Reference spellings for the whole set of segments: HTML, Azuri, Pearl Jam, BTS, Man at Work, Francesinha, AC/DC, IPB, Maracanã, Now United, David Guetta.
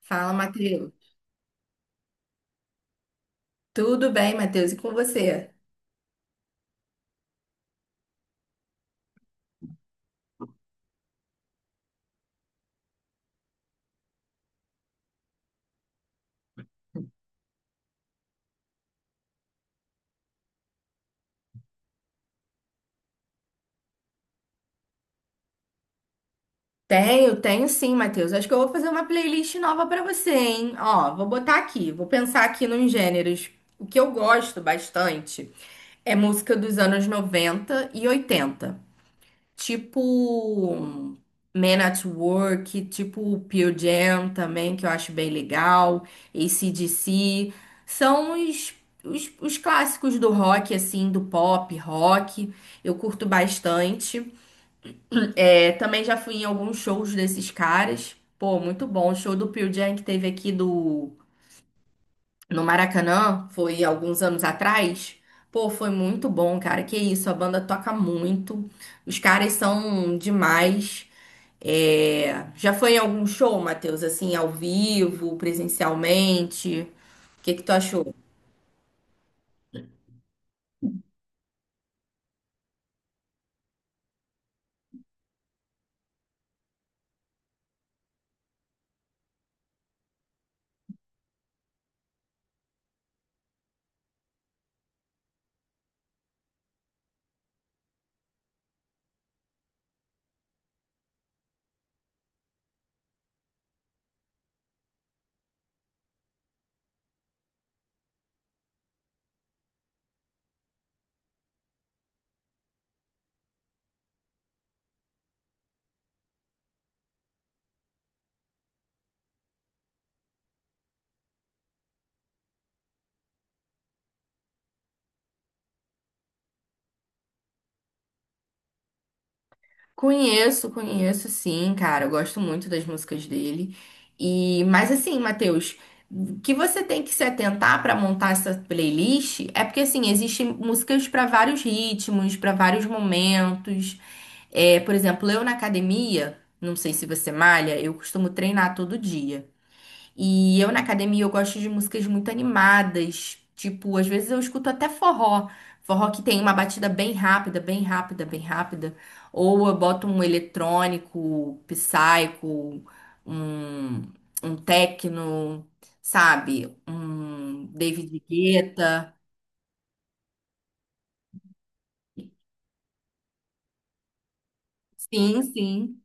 Fala, Matheus. Tudo bem, Matheus? E com você? Tenho sim, Matheus. Acho que eu vou fazer uma playlist nova pra você, hein? Ó, vou botar aqui, vou pensar aqui nos gêneros. O que eu gosto bastante é música dos anos 90 e 80, tipo hum, Man at Work, tipo Pearl Jam também, que eu acho bem legal, AC/DC. São os clássicos do rock, assim, do pop, rock. Eu curto bastante. É, também já fui em alguns shows desses caras. Pô, muito bom. O show do Pearl Jam que teve aqui do no Maracanã, foi alguns anos atrás. Pô, foi muito bom, cara. Que isso, a banda toca muito. Os caras são demais. É, já foi em algum show, Matheus? Assim, ao vivo, presencialmente? O que que tu achou? Conheço sim, cara. Eu gosto muito das músicas dele. E, mas assim, Matheus, o que você tem que se atentar para montar essa playlist é porque assim, existem músicas para vários ritmos, para vários momentos. É, por exemplo, eu na academia, não sei se você malha, eu costumo treinar todo dia. E eu na academia eu gosto de músicas muito animadas, tipo, às vezes eu escuto até forró, forró que tem uma batida bem rápida, bem rápida, bem rápida, ou eu boto um eletrônico, psycho, um um techno, sabe? Um David Guetta. Sim, sim.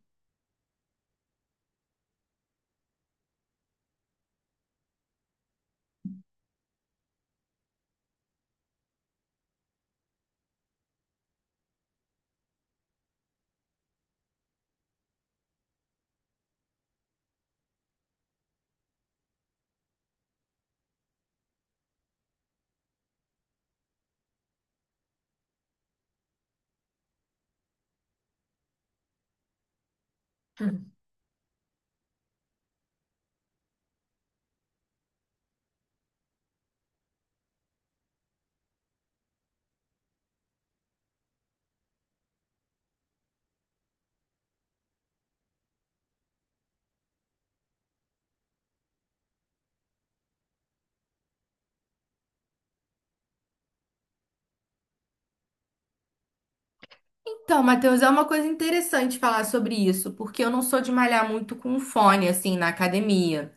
Então, Matheus, é uma coisa interessante falar sobre isso, porque eu não sou de malhar muito com fone, assim, na academia.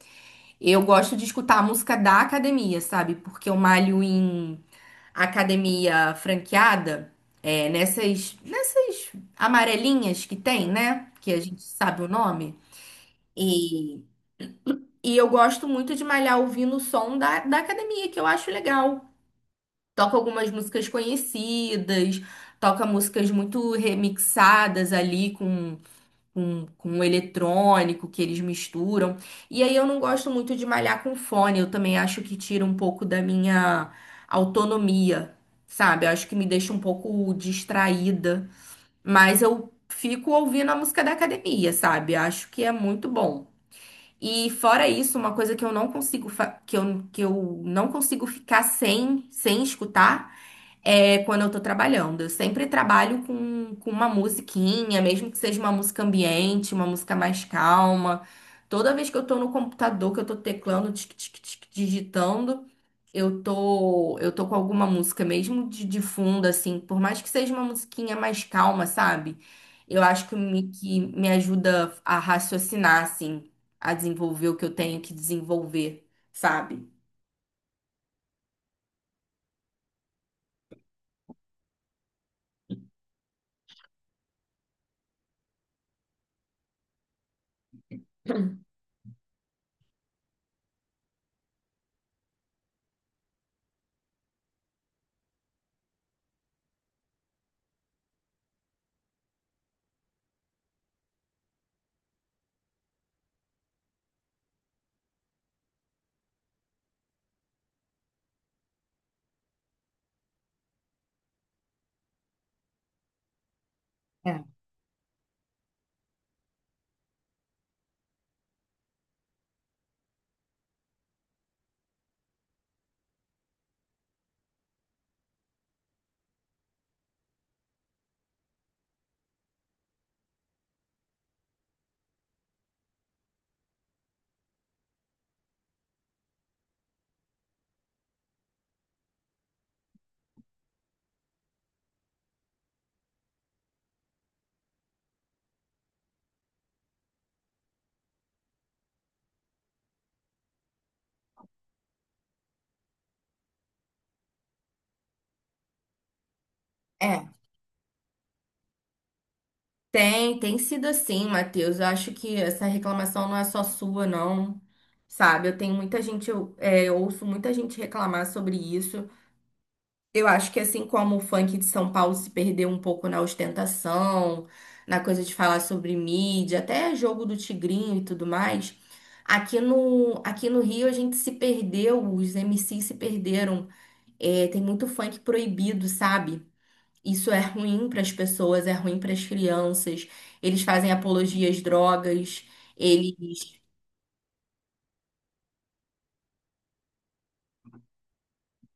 Eu gosto de escutar a música da academia, sabe? Porque eu malho em academia franqueada, é, nessas amarelinhas que tem, né? Que a gente sabe o nome. E, e eu gosto muito de malhar ouvindo o som da academia, que eu acho legal. Toca algumas músicas conhecidas, toca músicas muito remixadas ali com o eletrônico que eles misturam. E aí eu não gosto muito de malhar com fone, eu também acho que tira um pouco da minha autonomia, sabe? Eu acho que me deixa um pouco distraída, mas eu fico ouvindo a música da academia, sabe? Acho que é muito bom. E fora isso, uma coisa que eu não consigo que eu não consigo ficar sem escutar é quando eu tô trabalhando. Eu sempre trabalho com uma musiquinha, mesmo que seja uma música ambiente, uma música mais calma. Toda vez que eu tô no computador, que eu tô teclando, tic, tic, tic, digitando, eu tô com alguma música mesmo de fundo, assim, por mais que seja uma musiquinha mais calma, sabe? Eu acho que me ajuda a raciocinar, assim, a desenvolver o que eu tenho que desenvolver, sabe? É. Tem sido assim, Matheus. Eu acho que essa reclamação não é só sua, não. Sabe, eu tenho muita gente, eu ouço muita gente reclamar sobre isso. Eu acho que assim como o funk de São Paulo se perdeu um pouco na ostentação, na coisa de falar sobre mídia, até jogo do Tigrinho e tudo mais, aqui no Rio a gente se perdeu, os MCs se perderam. É, tem muito funk proibido, sabe? Isso é ruim para as pessoas, é ruim para as crianças. Eles fazem apologias às drogas, eles.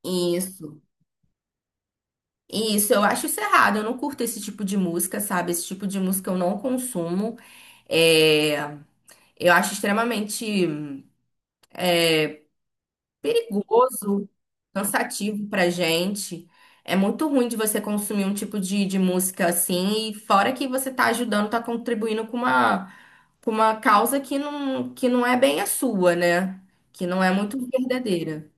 Isso. Isso, eu acho isso errado. Eu não curto esse tipo de música, sabe? Esse tipo de música eu não consumo. É, eu acho extremamente perigoso, cansativo pra gente. É muito ruim de você consumir um tipo de música assim, e fora que você tá ajudando, tá contribuindo com uma causa que não é bem a sua, né? Que não é muito verdadeira.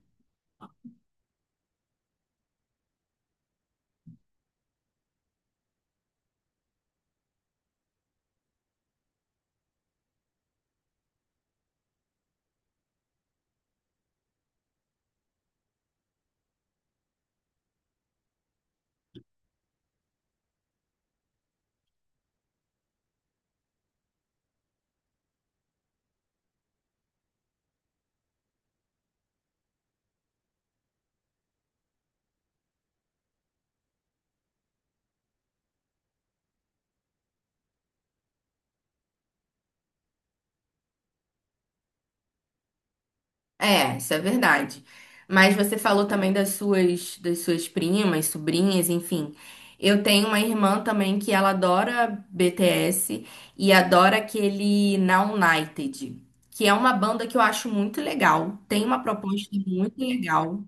É, isso é verdade. Mas você falou também das suas primas, sobrinhas, enfim. Eu tenho uma irmã também que ela adora BTS e adora aquele Now United, que é uma banda que eu acho muito legal. Tem uma proposta muito legal.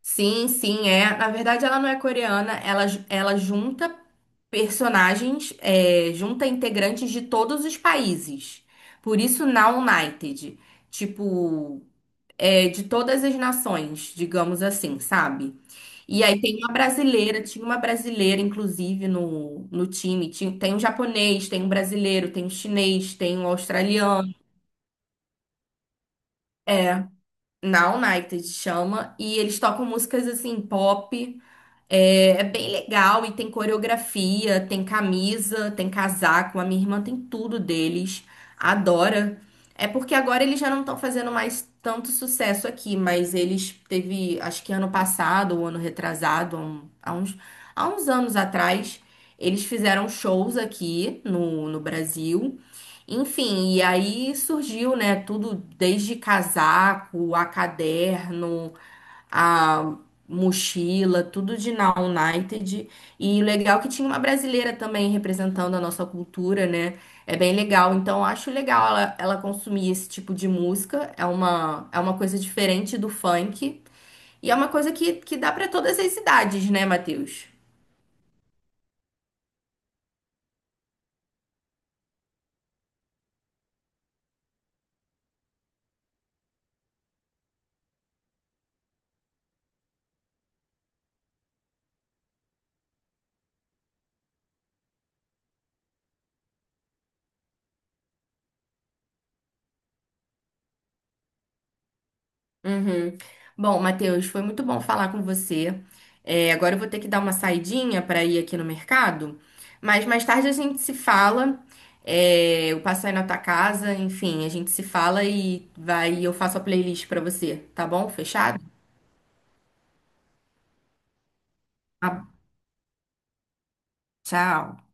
Sim, sim, é. Na verdade, ela não é coreana, ela, ela junta personagens, é, junta integrantes de todos os países. Por isso, Now United. Tipo, é, de todas as nações, digamos assim, sabe? E aí tem uma brasileira, tinha uma brasileira, inclusive, no time. Tinha, tem um japonês, tem um brasileiro, tem um chinês, tem um australiano. Na United chama. E eles tocam músicas assim, pop. É, é bem legal e tem coreografia, tem camisa, tem casaco. A minha irmã tem tudo deles. Adora. É porque agora eles já não estão fazendo mais tanto sucesso aqui, mas eles teve, acho que ano passado ou ano retrasado, há uns anos atrás, eles fizeram shows aqui no Brasil. Enfim, e aí surgiu, né, tudo desde casaco a caderno a mochila, tudo de Na United. E legal que tinha uma brasileira também representando a nossa cultura, né? É bem legal. Então, eu acho legal ela consumir esse tipo de música. É uma coisa diferente do funk. E é uma coisa que dá para todas as idades, né, Matheus? Uhum. Bom, Matheus, foi muito bom falar com você. É, agora eu vou ter que dar uma saidinha para ir aqui no mercado, mas mais tarde a gente se fala. É, eu passo aí na tua casa, enfim, a gente se fala e vai, eu faço a playlist para você, tá bom? Fechado? Ah, tchau.